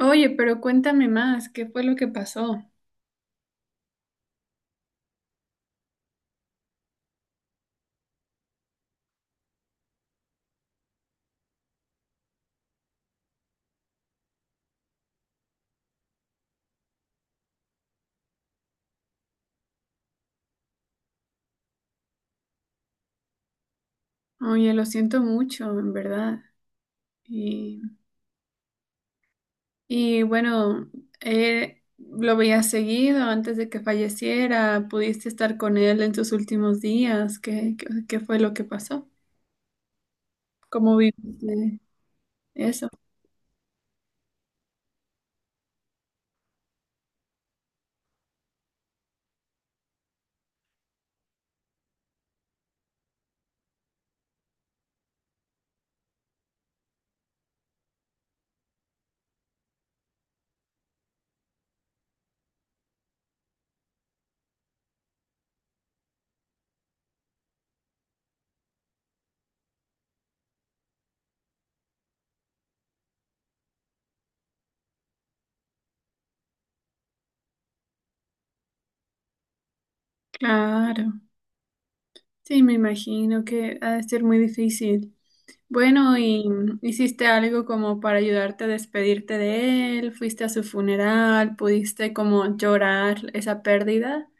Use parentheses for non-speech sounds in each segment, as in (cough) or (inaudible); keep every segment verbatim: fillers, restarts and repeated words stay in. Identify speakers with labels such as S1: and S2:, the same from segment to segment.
S1: Oye, pero cuéntame más, ¿qué fue lo que pasó? Oye, lo siento mucho, en verdad. Y, y bueno, eh, lo veías seguido antes de que falleciera, pudiste estar con él en sus últimos días, ¿qué, qué- qué fue lo que pasó? ¿Cómo viviste eso? Claro. Sí, me imagino que ha de ser muy difícil. Bueno, ¿y hiciste algo como para ayudarte a despedirte de él? ¿Fuiste a su funeral? ¿Pudiste como llorar esa pérdida?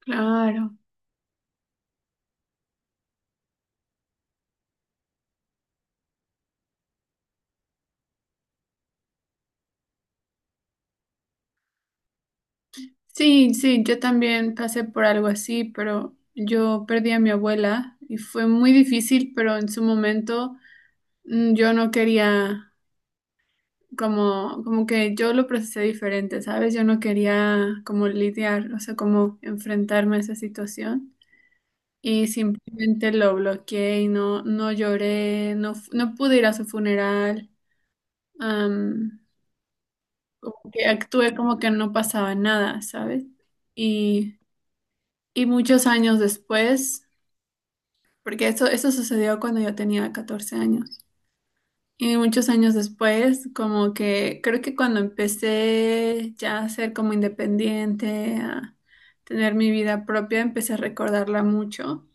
S1: Claro. Sí, sí, yo también pasé por algo así, pero yo perdí a mi abuela y fue muy difícil, pero en su momento mm, yo no quería, como como que yo lo procesé diferente, ¿sabes? Yo no quería como lidiar, o sea, como enfrentarme a esa situación. Y simplemente lo bloqueé y no, no lloré, no, fu- no pude ir a su funeral. am, Como que actué como que no pasaba nada, ¿sabes? Y, y muchos años después, porque eso, eso sucedió cuando yo tenía catorce años. Y muchos años después, como que creo que cuando empecé ya a ser como independiente, a tener mi vida propia, empecé a recordarla mucho.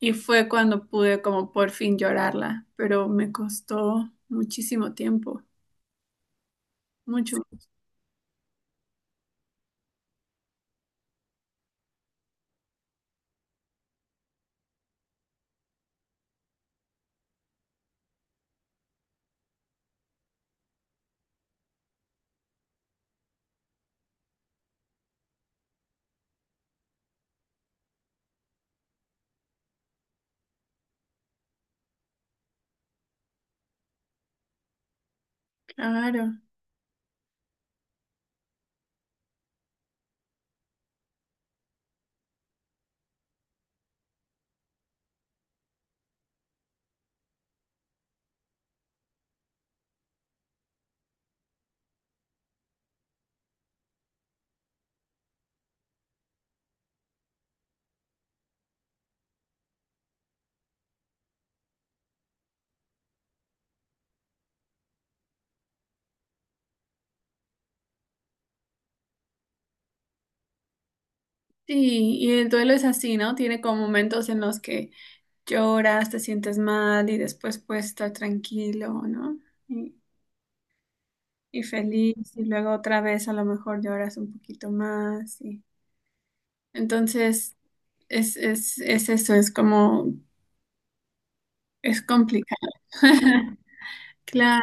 S1: Y fue cuando pude como por fin llorarla, pero me costó muchísimo tiempo, mucho, claro. Sí, y el duelo es así, ¿no? Tiene como momentos en los que lloras, te sientes mal y después puedes estar tranquilo, ¿no? Y, y feliz y luego otra vez a lo mejor lloras un poquito más y entonces es, es, es eso, es como, es complicado. (laughs) Claro,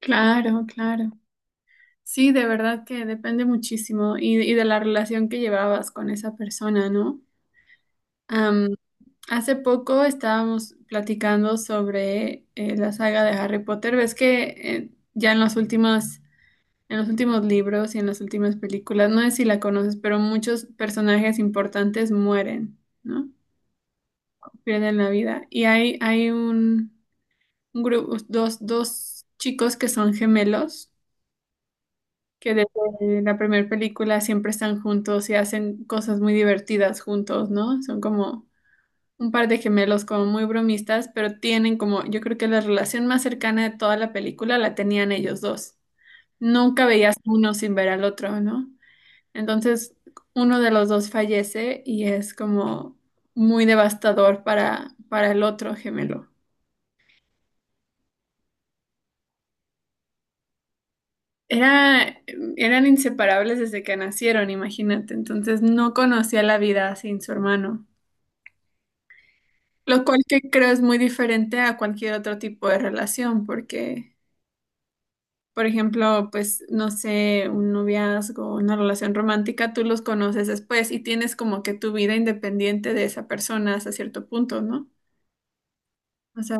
S1: claro, claro. Sí, de verdad que depende muchísimo y, y de la relación que llevabas con esa persona, ¿no? Am, Hace poco estábamos platicando sobre eh, la saga de Harry Potter. Ves que eh, ya en los últimos, en los últimos libros y en las últimas películas, no sé si la conoces, pero muchos personajes importantes mueren, ¿no? Pierden la vida. Y hay, hay un, un grupo, dos, dos chicos que son gemelos que desde la primera película siempre están juntos y hacen cosas muy divertidas juntos, ¿no? Son como un par de gemelos como muy bromistas, pero tienen como, yo creo que la relación más cercana de toda la película la tenían ellos dos. Nunca veías uno sin ver al otro, ¿no? Entonces, uno de los dos fallece y es como muy devastador para, para el otro gemelo. Era, eran inseparables desde que nacieron, imagínate. Entonces, no conocía la vida sin su hermano. Lo cual que creo es muy diferente a cualquier otro tipo de relación, porque, por ejemplo, pues, no sé, un noviazgo, una relación romántica, tú los conoces después y tienes como que tu vida independiente de esa persona hasta cierto punto, ¿no? O sea,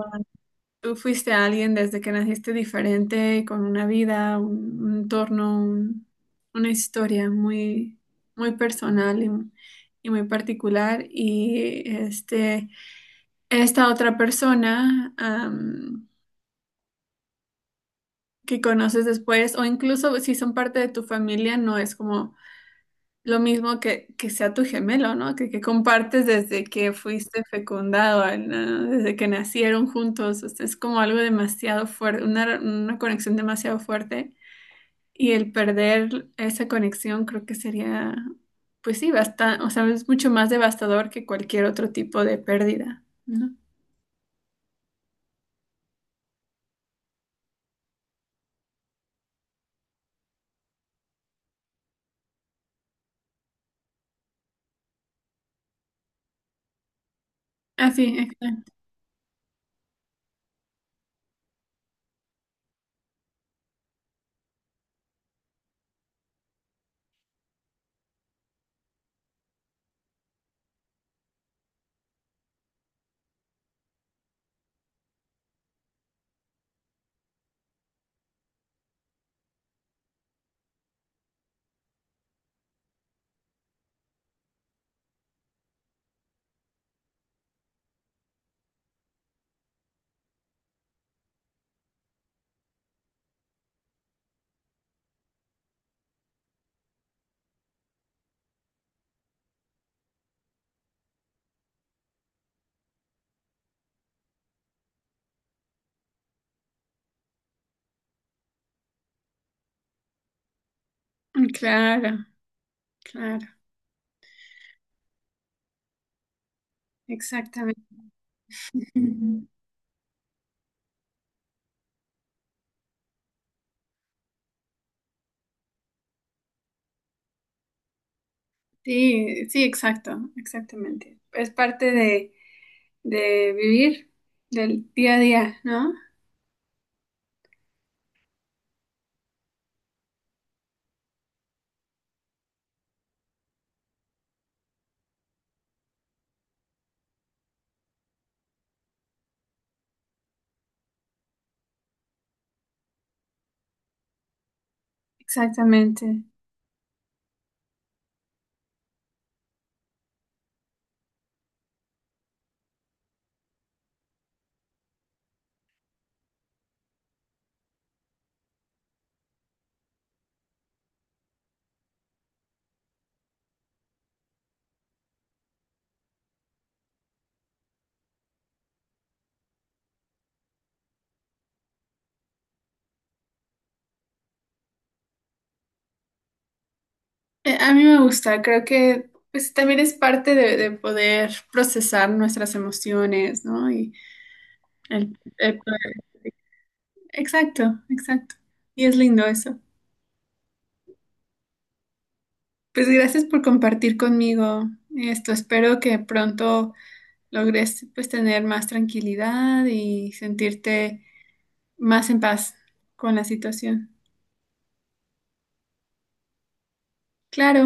S1: tú fuiste alguien desde que naciste diferente, con una vida, un, un entorno, un- una historia muy, muy personal y, y muy particular. Y este, esta otra persona... que conoces después, o incluso si son parte de tu familia, no es como lo mismo que, que sea tu gemelo, ¿no? Que, que compartes desde que fuiste fecundado, ¿no? Desde que nacieron juntos, o sea, es como algo demasiado fuerte, una, una conexión demasiado fuerte, y el perder esa conexión creo que sería, pues sí, bastante, o sea, es mucho más devastador que cualquier otro tipo de pérdida, ¿no? Ah, sí, exacto. Claro, claro, exactamente. Sí, sí, exacto, exactamente. Es parte de, de vivir del día a día, ¿no? Exactamente. Eh, A mí me gusta, creo que pues también es parte de, de poder procesar nuestras emociones, ¿no? Y el, el poder- Exacto, exacto. Y es lindo eso. Pues gracias por compartir conmigo esto. Espero que pronto logres pues tener más tranquilidad y sentirte más en paz con la situación. Claro.